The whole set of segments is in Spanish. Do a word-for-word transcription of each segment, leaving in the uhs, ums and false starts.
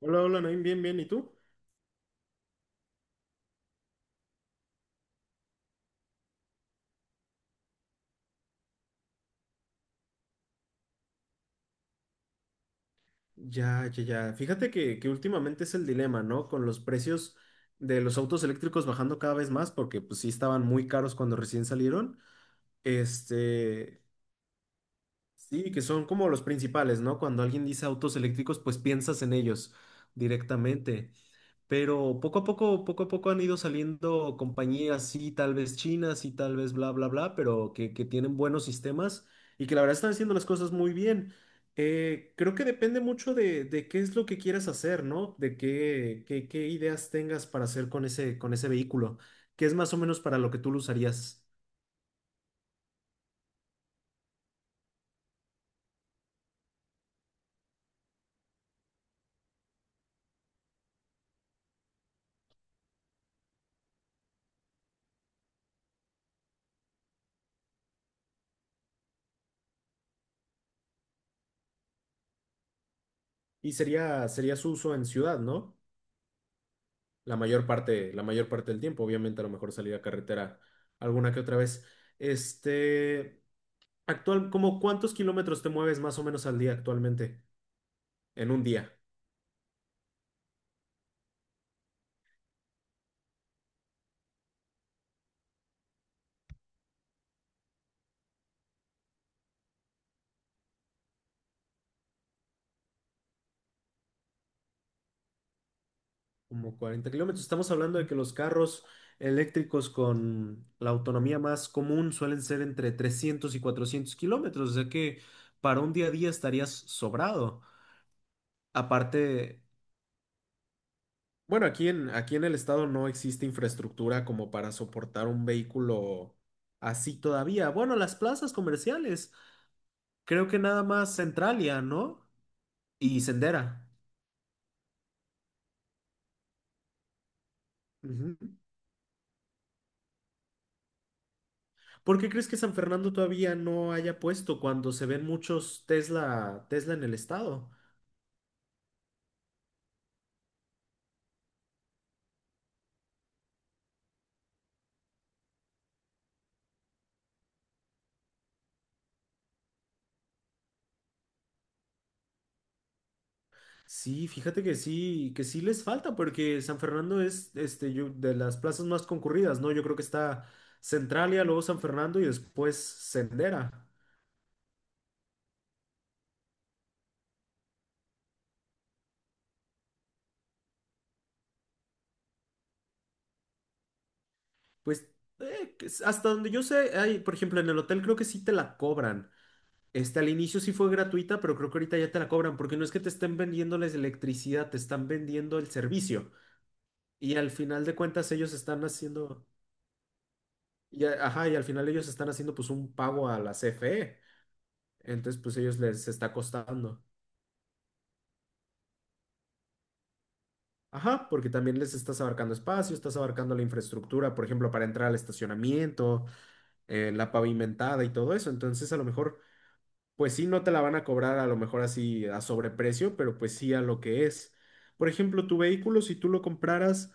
Hola, hola, Naim, bien, bien, ¿y tú? Ya, ya, ya. Fíjate que, que últimamente es el dilema, ¿no? Con los precios de los autos eléctricos bajando cada vez más, porque pues sí estaban muy caros cuando recién salieron. Este, sí, que son como los principales, ¿no? Cuando alguien dice autos eléctricos, pues piensas en ellos directamente. Pero poco a poco, poco a poco han ido saliendo compañías, sí, tal vez chinas y tal vez bla, bla, bla, pero que, que tienen buenos sistemas y que la verdad están haciendo las cosas muy bien. Eh, creo que depende mucho de, de qué es lo que quieras hacer, ¿no? De qué, qué, qué ideas tengas para hacer con ese, con ese vehículo, que es más o menos para lo que tú lo usarías. Y sería, sería su uso en ciudad, ¿no? La mayor parte, la mayor parte del tiempo, obviamente a lo mejor salir a carretera alguna que otra vez. Este. Actual, ¿cómo cuántos kilómetros te mueves más o menos al día actualmente? En un día, como cuarenta kilómetros. Estamos hablando de que los carros eléctricos con la autonomía más común suelen ser entre trescientos y cuatrocientos kilómetros, o sea que para un día a día estarías sobrado. Aparte, bueno, aquí en, aquí en el estado no existe infraestructura como para soportar un vehículo así todavía. Bueno, las plazas comerciales, creo que nada más Centralia, ¿no? Y Sendera. Ujú. ¿Por qué crees que San Fernando todavía no haya puesto cuando se ven muchos Tesla, Tesla en el estado? Sí, fíjate que sí, que sí les falta, porque San Fernando es este, yo- de las plazas más concurridas, ¿no? Yo creo que está Centralia, luego San Fernando y después Sendera. Pues eh, que es- hasta donde yo sé, hay, por ejemplo, en el hotel creo que sí te la cobran. Este, al inicio sí fue gratuita, pero creo que ahorita ya te la cobran, porque no es que te estén vendiendo la electricidad, te están vendiendo el servicio. Y al final de cuentas ellos están haciendo, y, a- ajá, Y al final ellos están haciendo pues un pago a la C F E. Entonces pues ellos les está costando. Ajá, porque también les estás abarcando espacio, estás abarcando la infraestructura, por ejemplo, para entrar al estacionamiento, eh, la pavimentada y todo eso. Entonces a lo mejor, pues sí, no te la van a cobrar a lo mejor así a sobreprecio, pero pues sí a lo que es. Por ejemplo, tu vehículo, si tú lo compraras...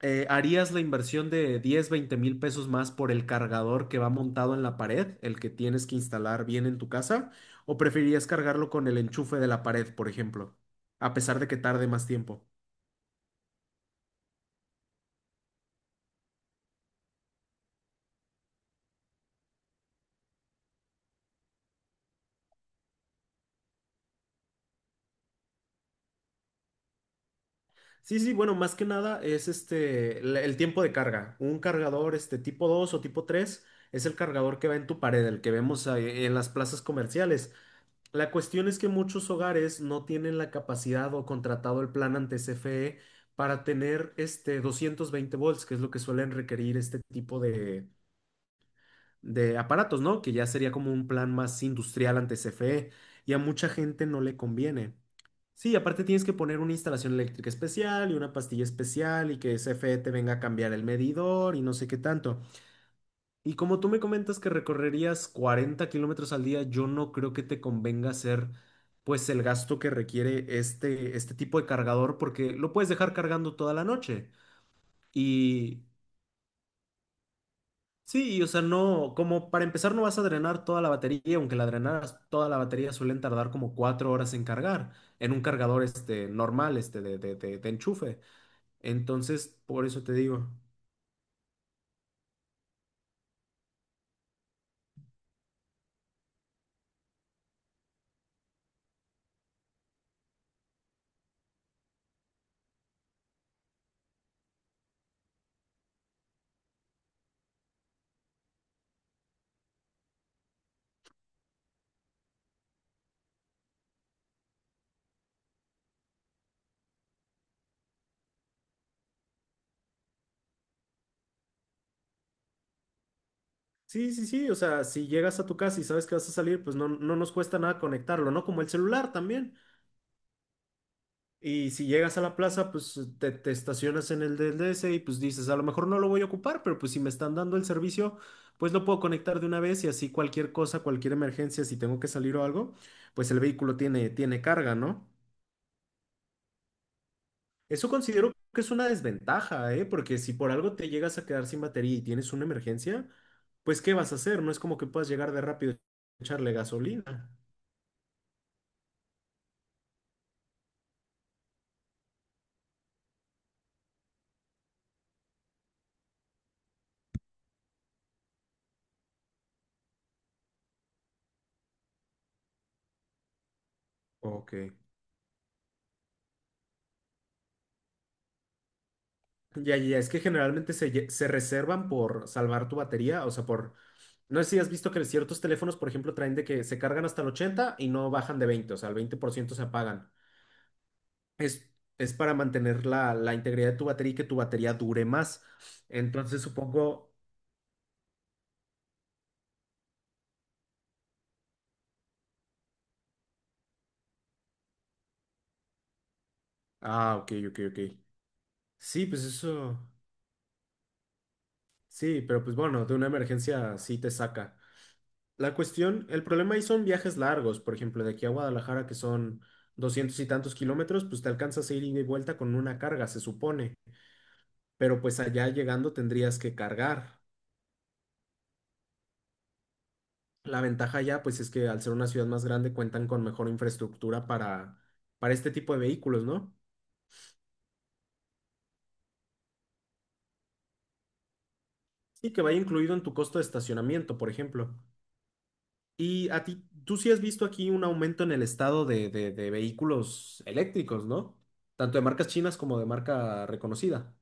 eh, ¿harías la inversión de diez, veinte mil pesos más por el cargador que va montado en la pared, el que tienes que instalar bien en tu casa? ¿O preferirías cargarlo con el enchufe de la pared, por ejemplo? A pesar de que tarde más tiempo. Sí, sí, bueno, más que nada es este, el el tiempo de carga. Un cargador este, tipo dos o tipo tres, es el cargador que va en tu pared, el que vemos ahí en las plazas comerciales. La cuestión es que muchos hogares no tienen la capacidad o contratado el plan ante C F E para tener este doscientos veinte volts, que es lo que suelen requerir este tipo de, de aparatos, ¿no? Que ya sería como un plan más industrial ante C F E y a mucha gente no le conviene. Sí, aparte tienes que poner una instalación eléctrica especial y una pastilla especial y que C F E te venga a cambiar el medidor y no sé qué tanto. Y como tú me comentas que recorrerías cuarenta kilómetros al día, yo no creo que te convenga hacer pues el gasto que requiere este, este tipo de cargador porque lo puedes dejar cargando toda la noche. Y sí, y, o sea, no, Como para empezar no vas a drenar toda la batería, aunque la drenaras toda la batería suelen tardar como cuatro horas en cargar en un cargador este normal, este de, de de- de enchufe. Entonces, por eso te digo. Sí, sí, sí, o sea, si llegas a tu casa y sabes que vas a salir, pues no, no nos cuesta nada conectarlo, ¿no? Como el celular también. Y si llegas a la plaza, pues te, te estacionas en el del D S y pues dices, a lo mejor no lo voy a ocupar, pero pues si me están dando el servicio, pues lo puedo conectar de una vez y así cualquier cosa, cualquier emergencia, si tengo que salir o algo, pues el vehículo tiene, tiene carga, ¿no? Eso considero que es una desventaja, ¿eh? Porque si por algo te llegas a quedar sin batería y tienes una emergencia, pues ¿qué vas a hacer? No es como que puedas llegar de rápido y echarle gasolina. Ok. Ya, ya, ya, es que generalmente se, lle- se reservan por salvar tu batería, o sea, por... No sé si has visto que ciertos teléfonos, por ejemplo, traen de que se cargan hasta el ochenta y no bajan de veinte, o sea, el veinte por ciento se apagan. Es, es para mantener la, la integridad de tu batería y que tu batería dure más. Entonces, supongo... Ah, ok, ok, ok. Sí, pues eso... Sí, pero pues bueno, de una emergencia sí te saca. La cuestión, el problema ahí son viajes largos, por ejemplo, de aquí a Guadalajara, que son doscientos y tantos kilómetros, pues te alcanzas a ir ida y vuelta con una carga, se supone, pero pues allá llegando tendrías que cargar. La ventaja allá, pues es que al ser una ciudad más grande cuentan con mejor infraestructura para, para este tipo de vehículos, ¿no? Y que vaya incluido en tu costo de estacionamiento, por ejemplo. Y a ti, tú sí has visto aquí un aumento en el estado de, de de vehículos eléctricos, ¿no? Tanto de marcas chinas como de marca reconocida.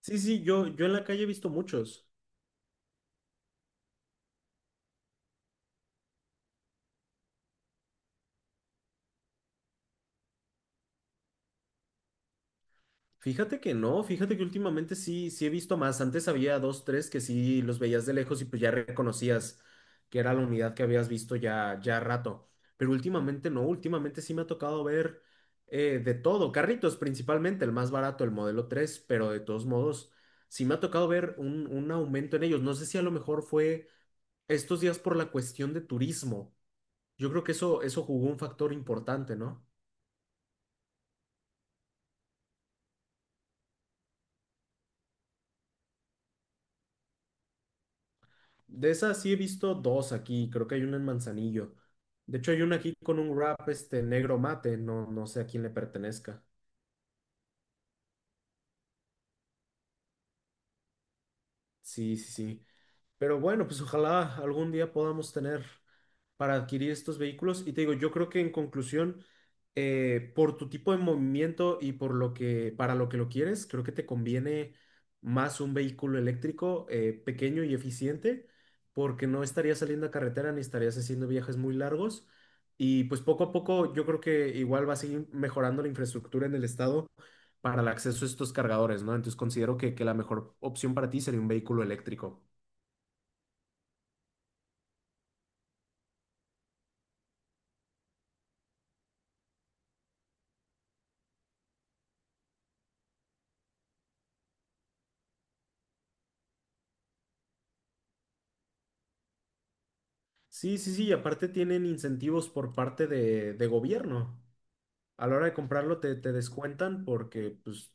Sí, sí, yo, yo en la calle he visto muchos. Fíjate que no, fíjate que últimamente sí, sí he visto más. Antes había dos, tres que sí los veías de lejos y pues ya reconocías que era la unidad que habías visto ya, ya rato. Pero últimamente no, últimamente sí me ha tocado ver eh, de todo. Carritos principalmente, el más barato, el modelo tres. Pero de todos modos sí me ha tocado ver un, un aumento en ellos. No sé si a lo mejor fue estos días por la cuestión de turismo. Yo creo que eso, eso jugó un factor importante, ¿no? De esas sí he visto dos aquí, creo que hay una en Manzanillo. De hecho, hay una aquí con un wrap este negro mate, no, no sé a quién le pertenezca. Sí, sí, sí. Pero bueno, pues ojalá algún día podamos tener para adquirir estos vehículos. Y te digo, yo creo que en conclusión, eh, por tu tipo de movimiento y por lo que, para lo que lo quieres, creo que te conviene más un vehículo eléctrico eh, pequeño y eficiente, porque no estarías saliendo a carretera ni estarías haciendo viajes muy largos. Y pues poco a poco yo creo que igual va a seguir mejorando la infraestructura en el estado para el acceso a estos cargadores, ¿no? Entonces considero que, que la mejor opción para ti sería un vehículo eléctrico. Sí, sí, sí, y aparte tienen incentivos por parte de, de gobierno. A la hora de comprarlo te, te descuentan porque pues,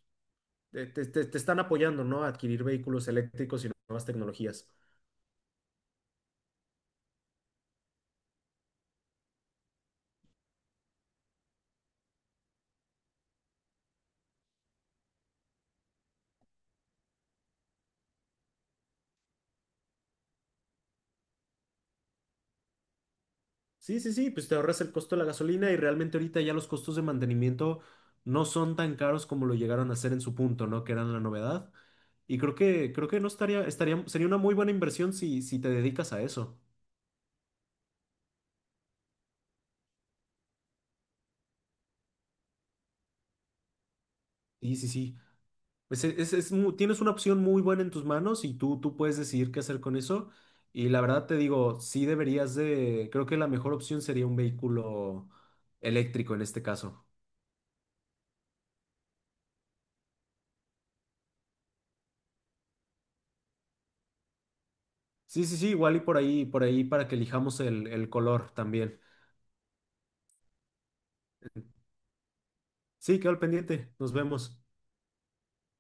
te, te- te- te están apoyando, ¿no? A adquirir vehículos eléctricos y nuevas tecnologías. Sí, sí, sí, pues te ahorras el costo de la gasolina y realmente ahorita ya los costos de mantenimiento no son tan caros como lo llegaron a ser en su punto, ¿no? Que eran la novedad. Y creo que, creo que no estaría, estaría, sería una muy buena inversión si, si te dedicas a eso. Sí, sí, sí. Pues es, es- es mu- tienes una opción muy buena en tus manos y tú, tú puedes decidir qué hacer con eso. Y la verdad te digo, sí deberías de, creo que la mejor opción sería un vehículo eléctrico en este caso. Sí, sí, sí, igual y por ahí, por ahí para que elijamos el, el color también. Sí, quedo al pendiente. Nos vemos.